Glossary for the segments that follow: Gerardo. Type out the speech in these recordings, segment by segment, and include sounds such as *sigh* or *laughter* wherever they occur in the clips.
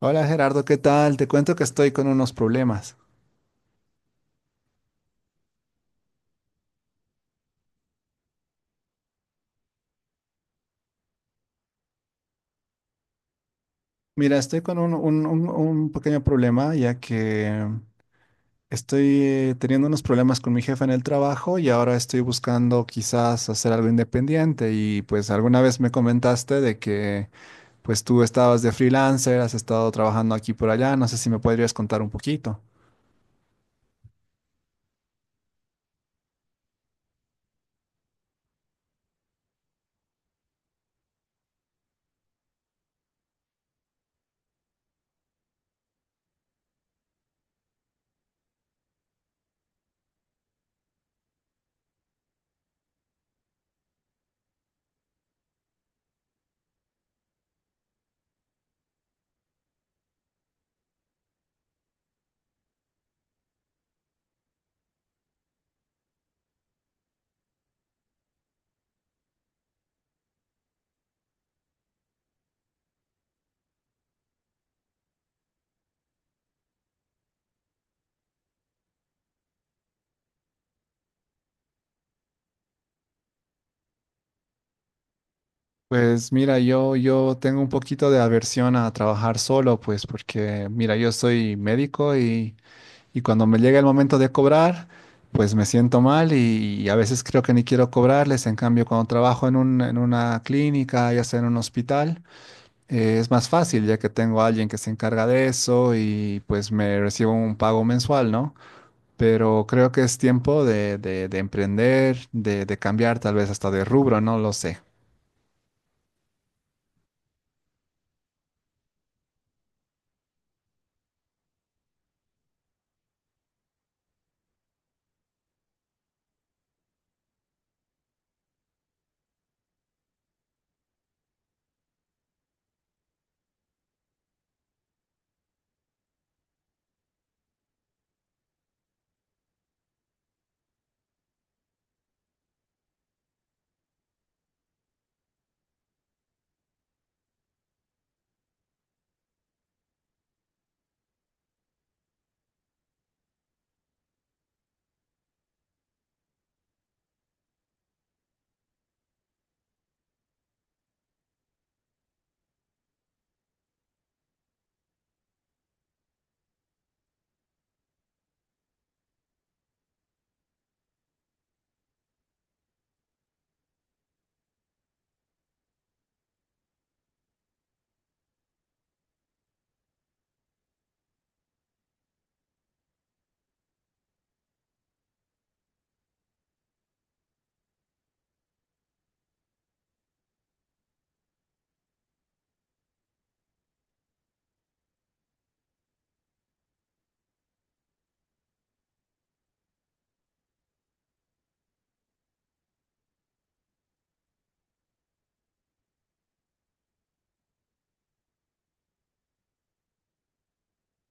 Hola Gerardo, ¿qué tal? Te cuento que estoy con unos problemas. Mira, estoy con un pequeño problema ya que estoy teniendo unos problemas con mi jefe en el trabajo y ahora estoy buscando quizás hacer algo independiente y pues alguna vez me comentaste de que pues tú estabas de freelancer, has estado trabajando aquí por allá, no sé si me podrías contar un poquito. Pues mira, yo tengo un poquito de aversión a trabajar solo, pues porque mira, yo soy médico y... Y cuando me llega el momento de cobrar, pues me siento mal y a veces creo que ni quiero cobrarles. En cambio, cuando trabajo en en una clínica, ya sea en un hospital, es más fácil ya que tengo a alguien que se encarga de eso y pues me recibo un pago mensual, ¿no? Pero creo que es tiempo de emprender, de cambiar, tal vez hasta de rubro, no lo sé.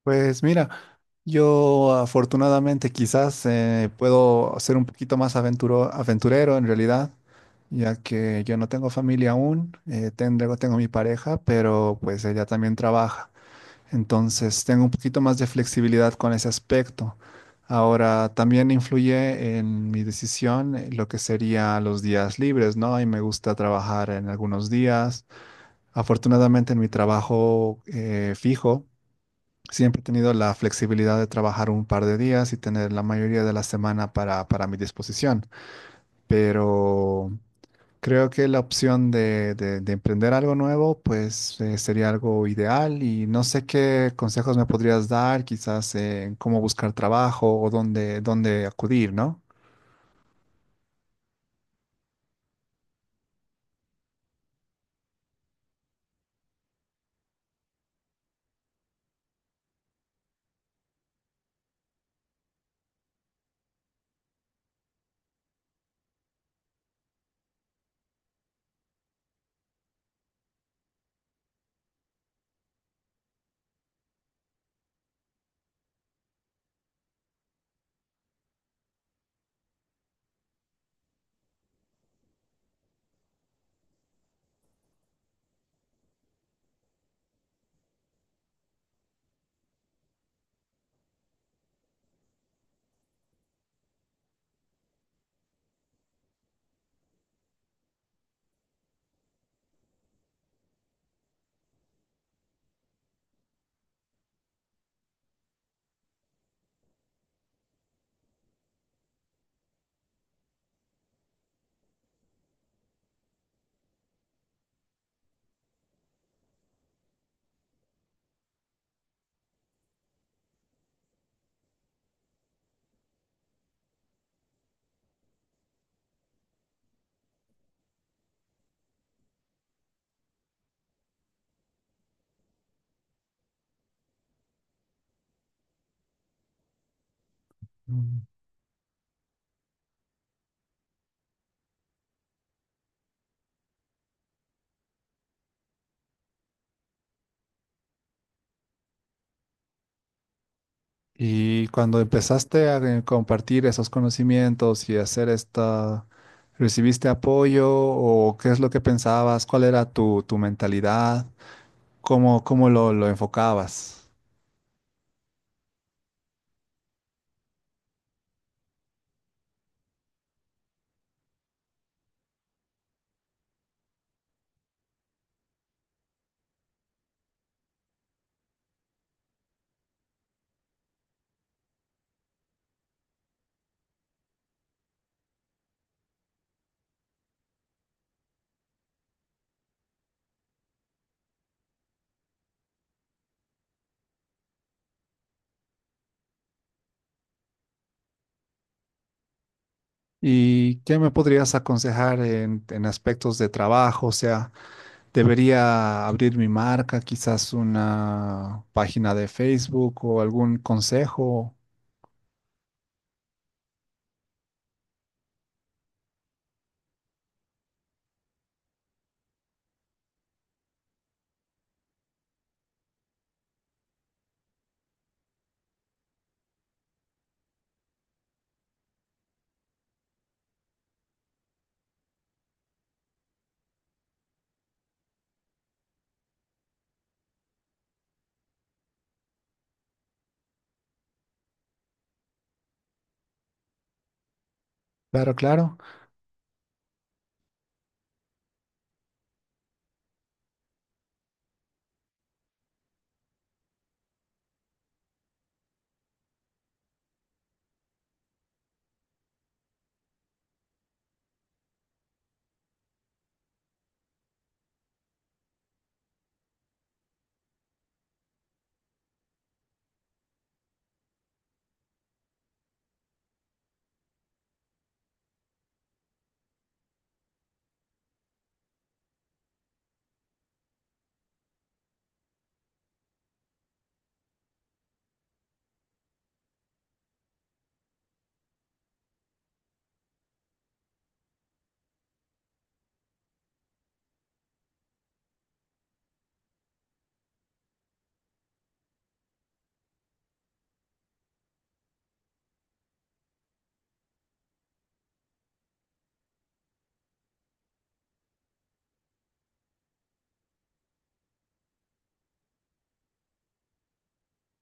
Pues mira, yo afortunadamente quizás puedo ser un poquito más aventurero en realidad, ya que yo no tengo familia aún, tengo mi pareja, pero pues ella también trabaja. Entonces tengo un poquito más de flexibilidad con ese aspecto. Ahora también influye en mi decisión lo que sería los días libres, ¿no? Y me gusta trabajar en algunos días. Afortunadamente en mi trabajo fijo. Siempre he tenido la flexibilidad de trabajar un par de días y tener la mayoría de la semana para mi disposición, pero creo que la opción de emprender algo nuevo, pues sería algo ideal y no sé qué consejos me podrías dar, quizás en cómo buscar trabajo o dónde, dónde acudir, ¿no? Y cuando empezaste a compartir esos conocimientos y hacer esta, ¿recibiste apoyo o qué es lo que pensabas? ¿Cuál era tu mentalidad? ¿Cómo, cómo lo enfocabas? ¿Y qué me podrías aconsejar en aspectos de trabajo? O sea, ¿debería abrir mi marca, quizás una página de Facebook o algún consejo? Claro, claro.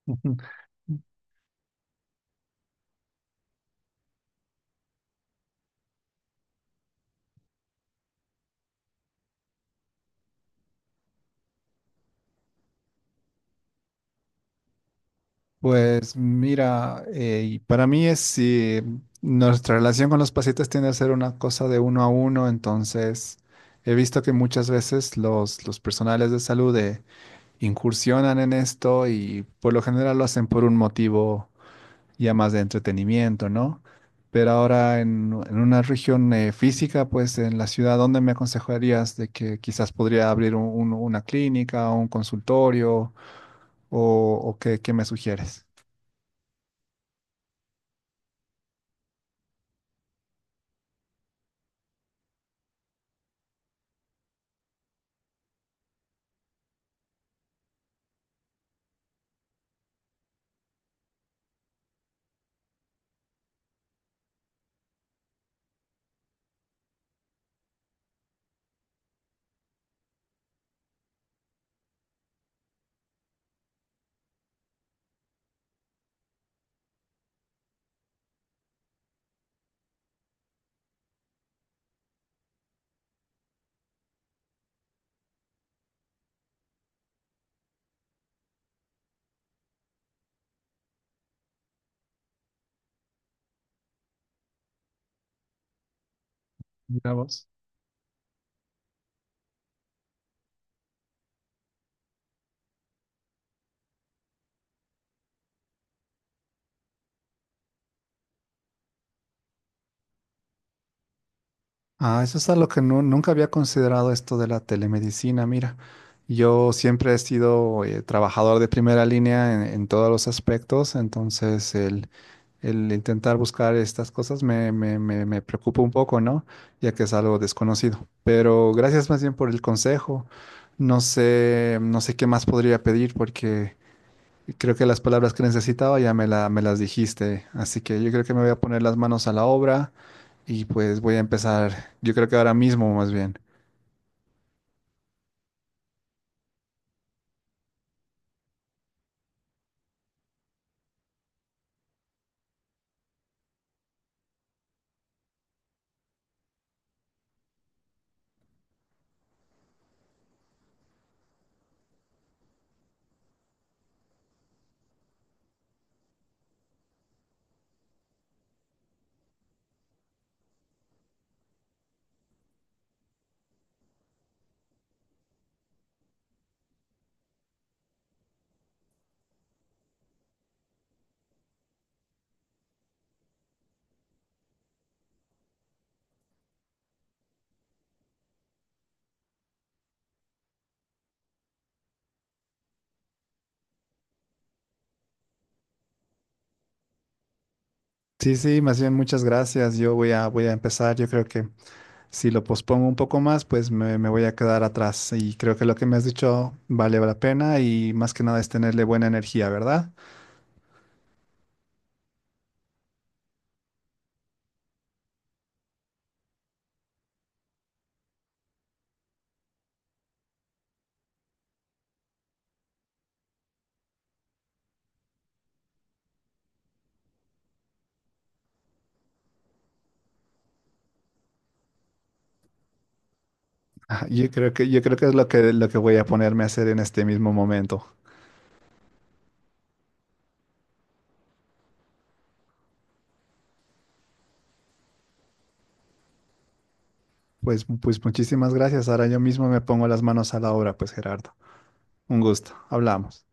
*laughs* Pues mira, y para mí es si nuestra relación con los pacientes tiende a ser una cosa de uno a uno, entonces he visto que muchas veces los personales de salud incursionan en esto y por lo general lo hacen por un motivo. Ya más de entretenimiento, ¿no? Pero ahora en una región física, pues en la ciudad, ¿dónde me aconsejarías de que quizás podría abrir una clínica, un consultorio o qué, qué me sugieres? Mira vos. Ah, eso es algo que nunca había considerado esto de la telemedicina. Mira, yo siempre he sido trabajador de primera línea en todos los aspectos, entonces el intentar buscar estas cosas me preocupa un poco, ¿no? Ya que es algo desconocido. Pero gracias más bien por el consejo. No sé, no sé qué más podría pedir porque creo que las palabras que necesitaba ya me las dijiste. Así que yo creo que me voy a poner las manos a la obra y pues voy a empezar. Yo creo que ahora mismo más bien. Sí, sí, más bien muchas gracias. Voy a empezar. Yo creo que si lo pospongo un poco más, pues me voy a quedar atrás. Y creo que lo que me has dicho vale la pena y más que nada es tenerle buena energía, ¿verdad? Ah, yo creo que, yo creo que es lo que voy a ponerme a hacer en este mismo momento. Pues, pues muchísimas gracias. Ahora yo mismo me pongo las manos a la obra, pues Gerardo. Un gusto. Hablamos.